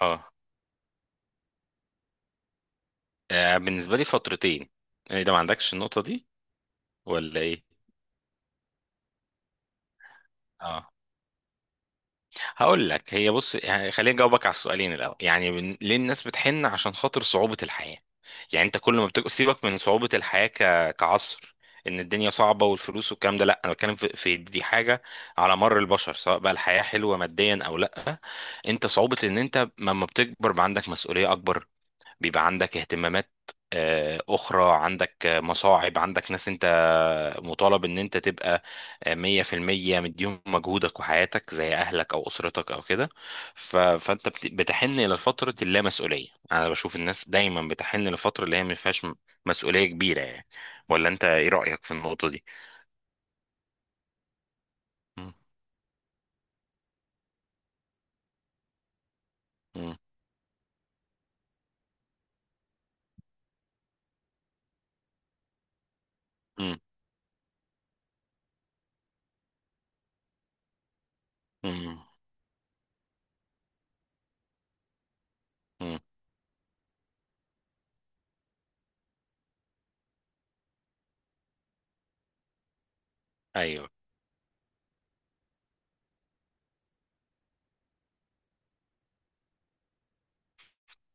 اه. بالنسبة لي فترتين. يعني ده ما عندكش النقطة دي ولا ايه؟ اه هقول لك، هي بص، يعني خليني اجاوبك على السؤالين. الاول، يعني ليه الناس بتحن؟ عشان خاطر صعوبة الحياة. يعني انت كل ما بتبقى سيبك من صعوبة الحياة، كعصر، ان الدنيا صعبة والفلوس والكلام ده. لا، انا بتكلم في دي حاجة على مر البشر، سواء بقى الحياة حلوة ماديا او لا. انت صعوبة ان انت لما بتكبر بقى عندك مسؤولية اكبر، بيبقى عندك اهتمامات اخرى، عندك مصاعب، عندك ناس انت مطالب ان انت تبقى 100% مديهم مجهودك وحياتك، زي اهلك او اسرتك او كده. فانت بتحن الى فترة اللامسؤولية. انا بشوف الناس دايما بتحن لفترة اللي هي ما فيهاش مسؤولية كبيرة يعني. ولا انت ايه رأيك في النقطة دي؟ مم. مم. مم. مم. مم. ايوه،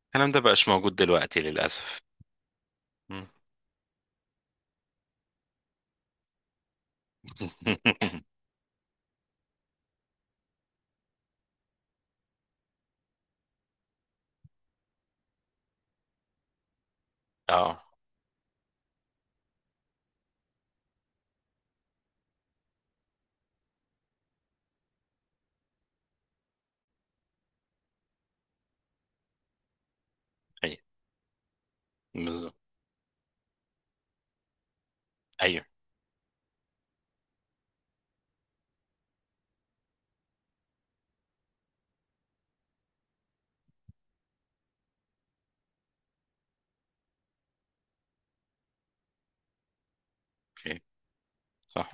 الكلام ده بقاش موجود دلوقتي للأسف. مم. اه، ايوه، بالظبط، ايوه، أوكي. صح.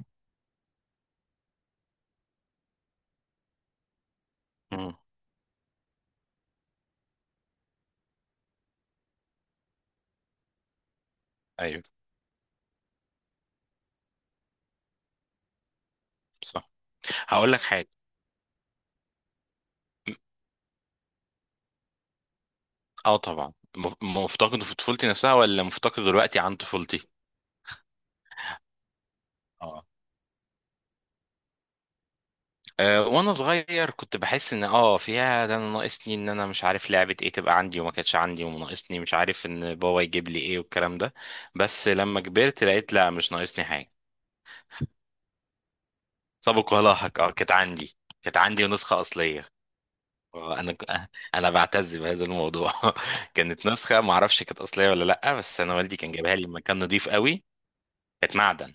مم. ايوه، صح. هقول لك حاجة. اه، طبعا. مفتقده في طفولتي نفسها ولا مفتقده دلوقتي عن طفولتي؟ اه، أه، وانا صغير كنت بحس ان فيها، ده انا ناقصني، ان انا مش عارف لعبة ايه تبقى عندي وما كانتش عندي، وناقصني مش عارف ان بابا يجيب لي ايه والكلام ده. بس لما كبرت لقيت لا، مش ناقصني حاجة. سابق ولاحق، اه، كانت عندي ونسخة أصلية. آه، انا انا بعتز بهذا الموضوع. كانت نسخة ما اعرفش كانت أصلية ولا لا، بس انا والدي كان جايبها لي لما كان نضيف قوي. كانت معدن.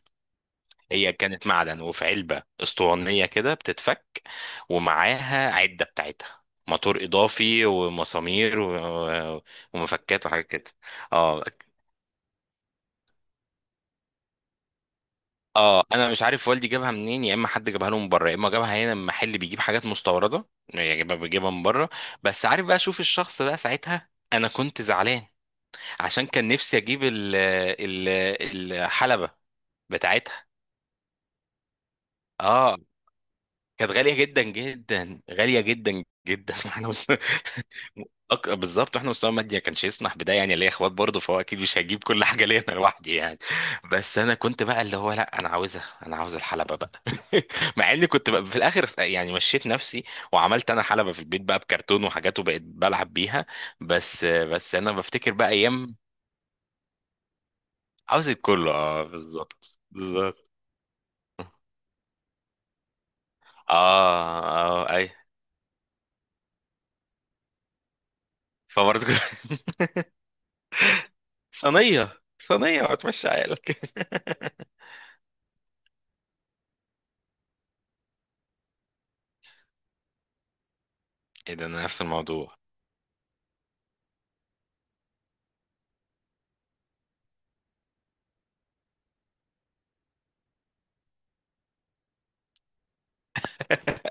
هي كانت معدن وفي علبة اسطوانية كده بتتفك، ومعاها عدة بتاعتها، موتور إضافي ومسامير ومفكات وحاجات كده. اه، اه، انا مش عارف والدي جابها منين، يا اما حد جابها له من بره يا اما جابها هنا من محل بيجيب حاجات مستورده. يعني جابها، بيجيبها من بره. بس عارف بقى، شوف الشخص بقى ساعتها انا كنت زعلان عشان كان نفسي اجيب ال الحلبه بتاعتها. اه، كانت غالية جدا جدا، غالية جدا جدا. بالظبط، احنا مستوى مادي ما كانش يسمح بده، يعني ليا اخوات برضه، فهو اكيد مش هجيب كل حاجة ليا انا لوحدي يعني. بس انا كنت بقى اللي هو لا، انا عاوزها، انا عاوز الحلبة بقى. مع اني كنت بقى في الاخر يعني مشيت نفسي، وعملت انا حلبة في البيت بقى بكرتون وحاجات وبقيت بلعب بيها. بس انا بفتكر بقى ايام. عاوز كله، اه، بالظبط، بالظبط. اه، اه، اي. فبرضه كده. صينية صينية وهتمشي عيالك. ايه ده، انا نفس الموضوع.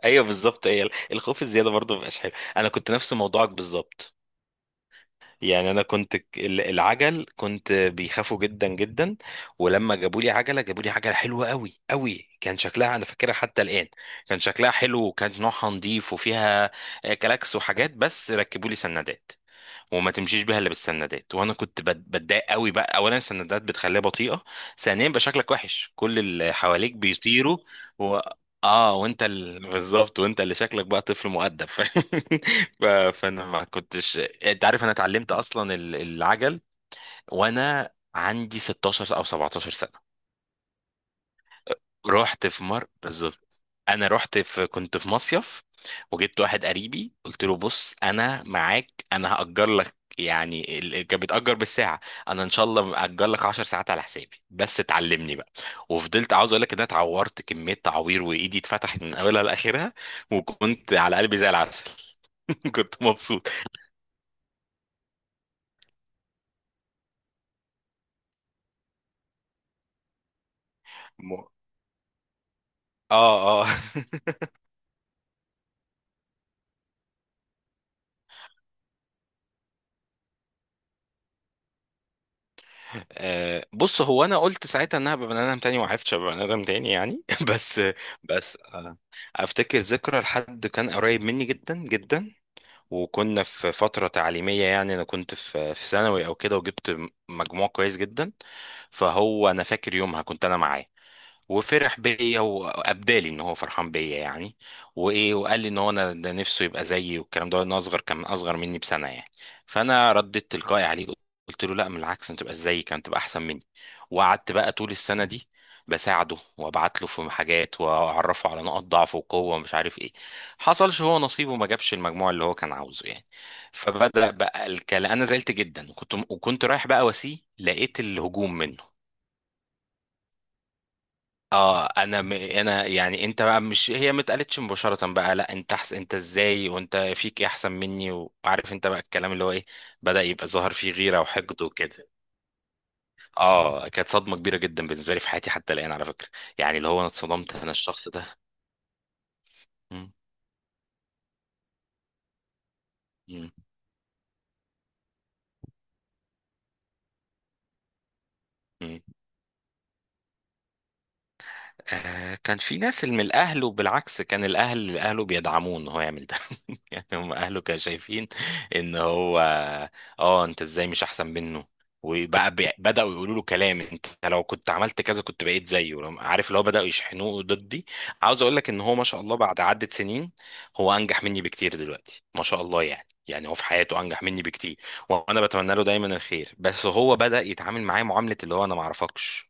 ايوه، بالظبط، هي الخوف الزيادة برضه مبقاش حلو. انا كنت نفس موضوعك بالظبط. يعني انا كنت العجل كنت بيخافوا جدا جدا. ولما جابوا لي عجلة، جابوا لي عجلة حلوة قوي قوي. كان شكلها انا فاكرها حتى الآن. كان شكلها حلو وكان نوعها نظيف، وفيها كلاكس وحاجات، بس ركبوا لي سندات وما تمشيش بيها الا بالسندات، وانا كنت بتضايق قوي بقى. اولا، السندات بتخليها بطيئه. ثانيا بقى شكلك وحش، كل اللي حواليك بيطيروا. و... اه، بالظبط، وانت اللي شكلك بقى طفل مؤدب. فانا ما كنتش. انت عارف، انا اتعلمت اصلا العجل وانا عندي 16 او 17 سنه. رحت في مر بالظبط. انا رحت في كنت في مصيف، وجبت واحد قريبي، قلت له بص، انا معاك، انا هأجر لك، يعني كان بيتأجر بالساعة. انا ان شاء الله مأجر لك 10 ساعات على حسابي، بس تعلمني بقى. وفضلت، عاوز اقول لك ان انا اتعورت كمية تعوير، وايدي اتفتحت من اولها لاخرها، وكنت على قلبي زي العسل. كنت مبسوط. م- اه، اه. بص هو، انا قلت ساعتها انها بني ادم تاني وعرفتش ابقى بني ادم تاني يعني. بس بس افتكر ذكرى لحد كان قريب مني جدا جدا، وكنا في فترة تعليمية، يعني انا كنت في ثانوي او كده، وجبت مجموع كويس جدا. فهو انا فاكر يومها كنت انا معاه، وفرح بيا وابدالي ان هو فرحان بيا يعني. وايه، وقال لي ان هو، انا ده نفسه يبقى زيي والكلام ده. انا اصغر كان اصغر مني بسنه يعني. فانا رديت تلقائي عليه، قلت له لا، من العكس، انت تبقى زيي كانت تبقى احسن مني. وقعدت بقى طول السنه دي بساعده، وابعت له في حاجات واعرفه على نقط ضعفه وقوه ومش عارف ايه. حصلش، هو نصيبه ما جابش المجموع اللي هو كان عاوزه يعني. فبدأ بقى الكلام، انا زعلت جدا، وكنت رايح بقى واسيه، لقيت الهجوم منه. اه، انا يعني، انت بقى مش، هي ما اتقالتش مباشره بقى لا، انت انت ازاي وانت فيك ايه احسن مني، وعارف انت بقى الكلام اللي هو ايه. بدأ يبقى ظاهر فيه غيره وحقد وكده. اه، كانت صدمه كبيره جدا بالنسبه لي في حياتي حتى الان على فكره، يعني اللي هو انا اتصدمت، انا الشخص ده. مم. مم. مم. كان في ناس اللي من اهله، وبالعكس كان اهله بيدعموه ان هو يعمل ده. يعني هم اهله كانوا شايفين ان هو، اه انت ازاي مش احسن منه، وبقى بداوا يقولوا له كلام، انت لو كنت عملت كذا كنت بقيت زيه. عارف، اللي هو بداوا يشحنوه ضدي. عاوز اقول لك ان هو، ما شاء الله، بعد عدة سنين هو انجح مني بكتير دلوقتي، ما شاء الله يعني هو في حياته انجح مني بكتير. وانا بتمنى له دايما الخير، بس هو بدأ يتعامل معايا معاملة اللي هو انا ما اعرفكش،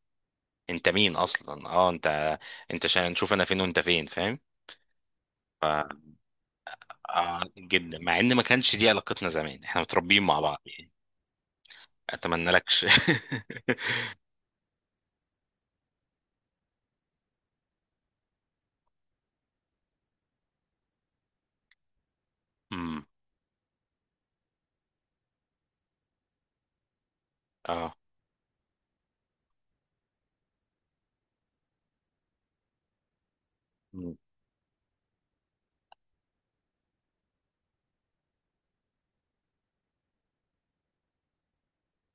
انت مين اصلا، انت عشان نشوف انا فين وانت فين، فاهم؟ ف آه، جدا، مع ان ما كانش دي علاقتنا زمان، احنا متربيين مع بعض يعني. اتمنى لكش. امم اه. مم.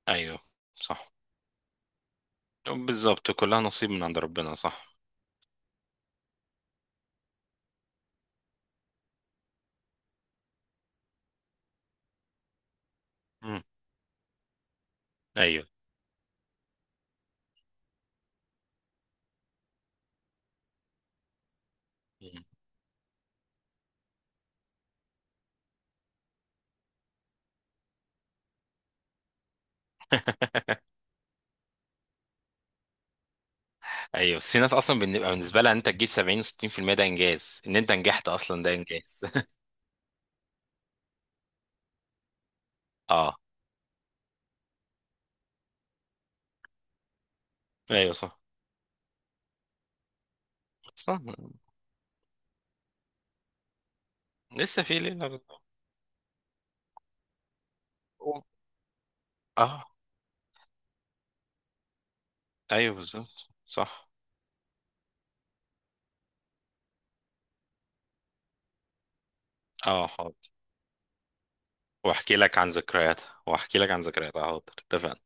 ايوه، صح، بالظبط كلها نصيب من عند ربنا، صح. امم ايوه. مم. ايوه، بس في ناس اصلا بنبقى بالنسبه لها ان انت تجيب 70 و60% ده انجاز، ان انت نجحت اصلا ده انجاز. اه، ايوه، صح، صح. لسه في ليله اه، ايوه، بالظبط، صح. اه، واحكي لك عن ذكرياتها، حاضر، اتفقنا.